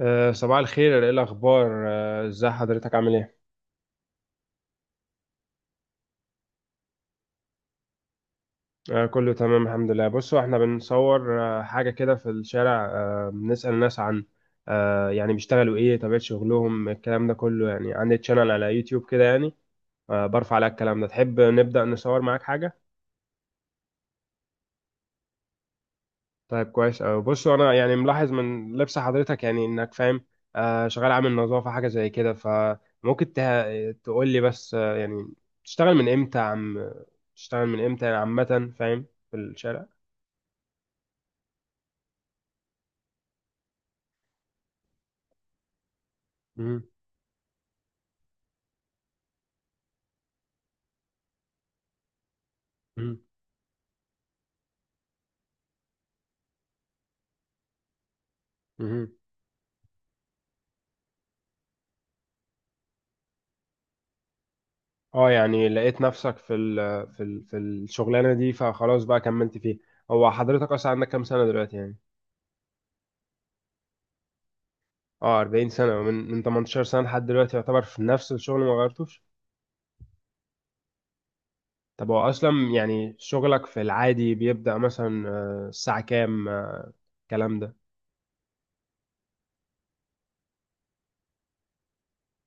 صباح الخير، ايه الاخبار؟ ازاي حضرتك؟ عامل ايه؟ كله تمام الحمد لله. بصوا احنا بنصور حاجه كده في الشارع، بنسأل الناس عن يعني بيشتغلوا ايه، طبيعه شغلهم، الكلام ده كله. يعني عندي تشانل على يوتيوب كده يعني، برفع على الكلام ده. تحب نبدأ نصور معاك حاجه؟ طيب، كويس أوي. بص انا يعني ملاحظ من لبس حضرتك، يعني انك فاهم، شغال عامل نظافة حاجة زي كده. فممكن تقول لي بس يعني تشتغل من امتى يا عم؟ تشتغل من امتى يعني، عامة فاهم، في الشارع. مهم. مهم. مهم. اه، يعني لقيت نفسك في الشغلانة دي، فخلاص بقى كملت فيها. هو حضرتك اصلا عندك كام سنة دلوقتي يعني؟ اه، 40 سنة، من 18 سنة لحد دلوقتي، يعتبر في نفس الشغل ما غيرتوش. طب هو اصلا يعني شغلك في العادي بيبدأ مثلا الساعة كام الكلام ده؟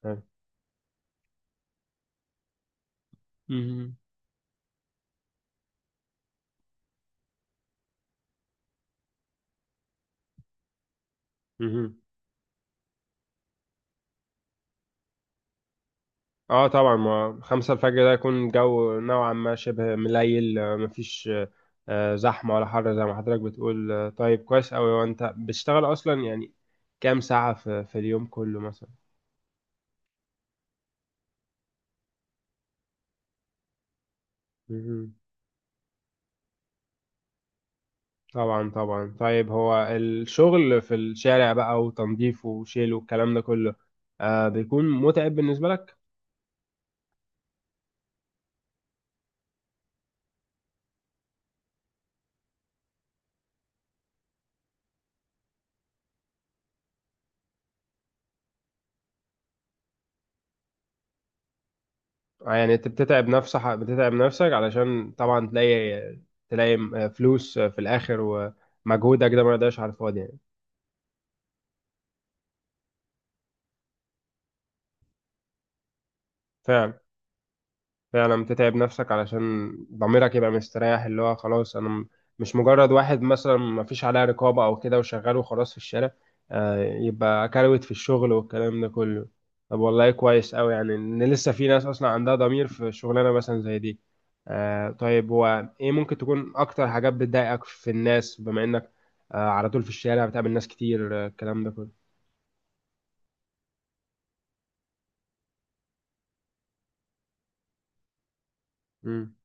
آه. مهم. مهم. اه طبعا، ما خمسة الفجر ده يكون الجو نوعا ما شبه مليل، مفيش زحمة ولا حر زي ما حضرتك بتقول. طيب كويس أوي. وانت بتشتغل اصلا يعني كام ساعة في اليوم كله مثلا؟ مهم. طبعا طبعا. طيب هو الشغل في الشارع بقى وتنظيفه وشيله والكلام ده كله، بيكون متعب بالنسبة لك؟ يعني انت بتتعب نفسك بتتعب نفسك علشان طبعا تلاقي تلاقي فلوس في الاخر، ومجهودك ده ما يضيعش على الفاضي يعني. فعلا فعلا. بتتعب نفسك علشان ضميرك يبقى مستريح، اللي هو خلاص انا مش مجرد واحد مثلا ما فيش عليه رقابة او كده وشغال وخلاص في الشارع، يبقى كروت في الشغل والكلام ده كله. طب والله كويس قوي، يعني ان لسه في ناس اصلا عندها ضمير في شغلانة مثلا زي دي. طيب، هو ايه ممكن تكون اكتر حاجات بتضايقك في الناس، بما انك على طول في الشارع بتقابل ناس كتير الكلام ده كله؟ مم.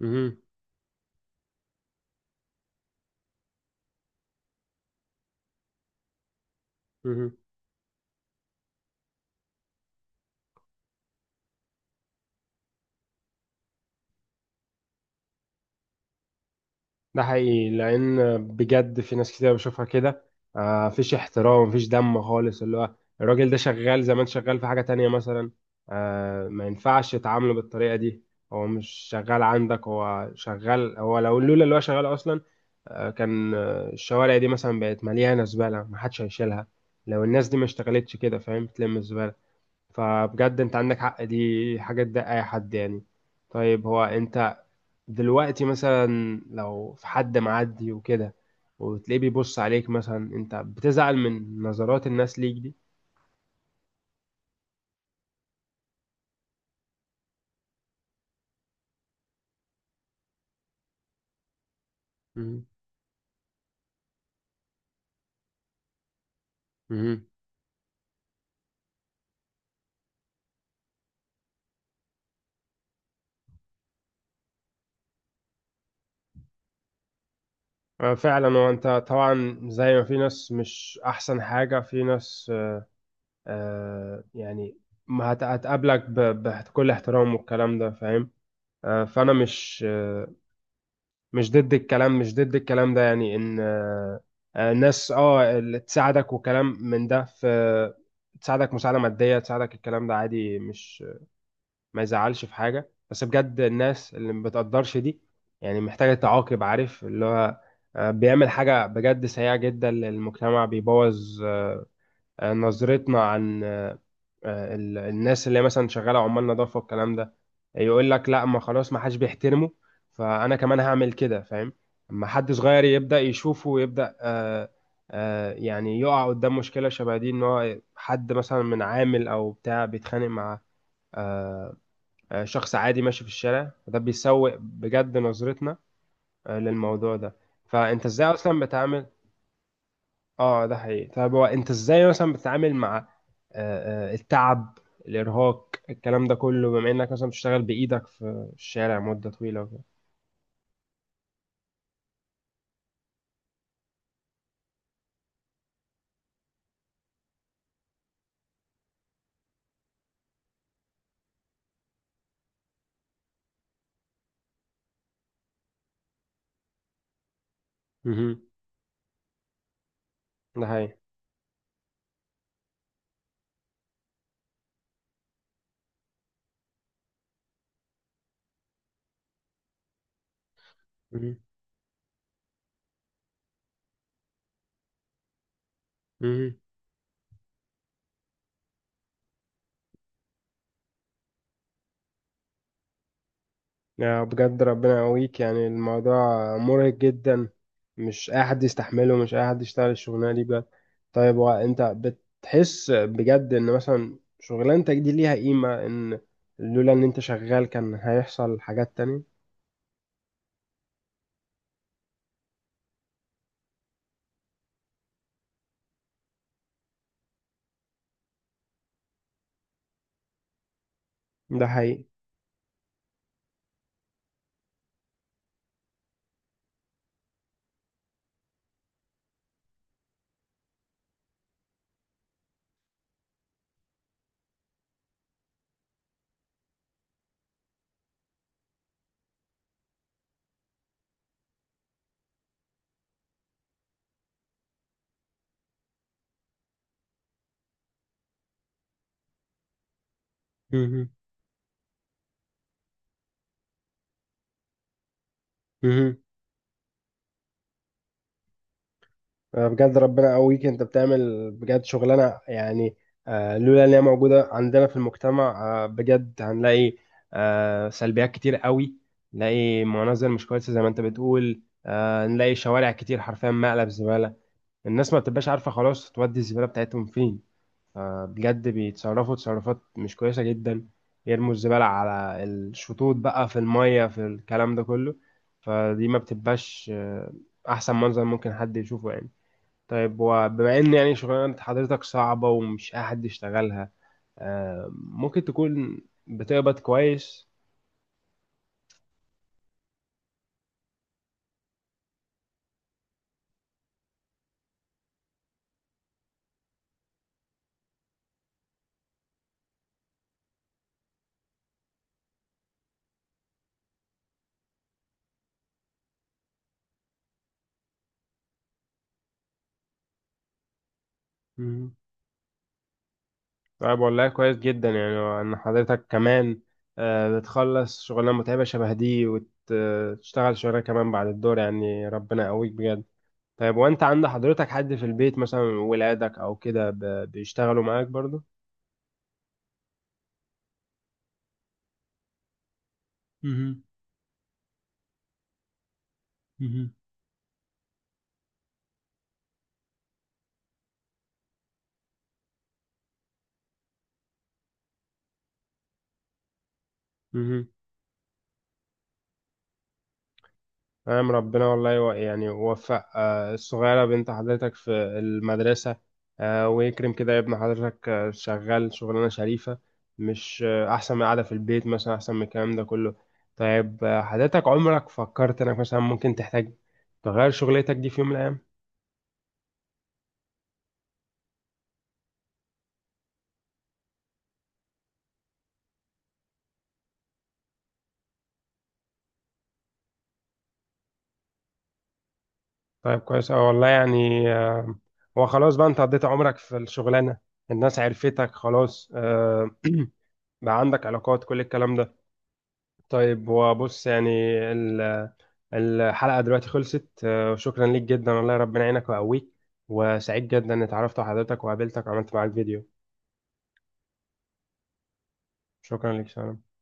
مهم. مهم. ده حقيقي، لان بجد في ناس كتير بشوفها كده، مفيش احترام، مفيش دم خالص. اللي هو الراجل ده شغال زمان، شغال في حاجة تانية مثلا، ما ينفعش تعامله بالطريقة دي. هو مش شغال عندك، هو شغال، هو لولا اللي هو شغال اصلا كان الشوارع دي مثلا بقت مليانة زبالة، محدش هيشيلها. لو الناس دي ما اشتغلتش كده، فاهم، تلم الزبالة. فبجد انت عندك حق، دي حاجة تضايق اي حد يعني. طيب، هو انت دلوقتي مثلا لو في حد معدي وكده وتلاقيه بيبص عليك مثلا، انت بتزعل من نظرات الناس ليك دي؟ مم. مم. فعلا. وانت طبعا زي ما في ناس مش احسن حاجة، في ناس يعني ما هت- هتقابلك بكل احترام والكلام ده، فاهم. فانا مش ضد الكلام مش ضد الكلام ده، يعني ان ناس اللي تساعدك وكلام من ده تساعدك مساعدة مادية، تساعدك الكلام ده عادي، مش ما يزعلش في حاجة. بس بجد الناس اللي ما بتقدرش دي يعني محتاجة تعاقب، عارف، اللي هو بيعمل حاجة بجد سيئة جدا للمجتمع، بيبوظ نظرتنا عن الناس اللي هي مثلا شغاله عمال نظافه والكلام ده. يقول لك لا، ما خلاص، ما حدش بيحترمه، فانا كمان هعمل كده، فاهم. اما حد صغير يبدا يشوفه ويبدا يعني يقع قدام مشكله شبه دي، ان هو حد مثلا من عامل او بتاع بيتخانق مع آه شخص عادي ماشي في الشارع، ده بيسوء بجد نظرتنا للموضوع ده. فانت ازاي اصلا بتعامل؟ اه، ده حقيقي. طب هو انت ازاي مثلا بتتعامل مع التعب، الارهاق، الكلام ده كله، بما انك مثلا بتشتغل بايدك في الشارع مدة طويلة وكده؟ مهم. ده حقيقي. مهم. مهم. يا بجد ربنا يقويك، يعني الموضوع مرهق جدا، مش اي حد يستحمله، مش اي حد يشتغل الشغلانه دي بجد. طيب، وانت بتحس بجد ان مثلا شغلانتك دي ليها قيمه، ان لولا ان انت شغال كان هيحصل حاجات تانية؟ ده حقيقي. مهم. مهم. بجد ربنا يقويك، انت بتعمل بجد شغلانه، يعني لولا ان هي موجوده عندنا في المجتمع بجد هنلاقي سلبيات كتير قوي. نلاقي مناظر مش كويسه زي ما انت بتقول، نلاقي شوارع كتير حرفيا مقلب زباله. الناس ما بتبقاش عارفه خلاص تودي الزباله بتاعتهم فين، بجد بيتصرفوا تصرفات مش كويسه جدا، يرموا الزباله على الشطوط بقى، في الميه، في الكلام ده كله. فدي ما بتبقاش احسن منظر ممكن حد يشوفه يعني. طيب، وبما ان يعني شغلانة حضرتك صعبة ومش اي حد يشتغلها، ممكن تكون بتقبض كويس؟ مم. طيب والله كويس جدا، يعني ان حضرتك كمان بتخلص شغلانة متعبة شبه دي وتشتغل شغلانة كمان بعد الدور، يعني ربنا يقويك بجد. طيب، وانت عند حضرتك حد في البيت مثلا، ولادك او كده، بيشتغلوا معاك برضو؟ مهم. مهم. مهم. نعم، ربنا والله يعني وفق الصغيرة بنت حضرتك في المدرسة، ويكرم كده ابن حضرتك شغال شغلانة شريفة، مش أحسن من قاعدة في البيت مثلا، أحسن من الكلام ده كله. طيب حضرتك عمرك فكرت إنك مثلا ممكن تحتاج تغير شغلتك دي في يوم من الأيام؟ طيب كويس أوي والله، يعني هو خلاص بقى أنت قضيت عمرك في الشغلانة، الناس عرفتك خلاص، بقى عندك علاقات كل الكلام ده. طيب، وبص يعني الحلقة دلوقتي خلصت، وشكرا ليك جدا، والله ربنا يعينك ويقويك، وسعيد جدا اني اتعرفت على حضرتك وقابلتك وعملت معاك فيديو. شكرا ليك، سلام.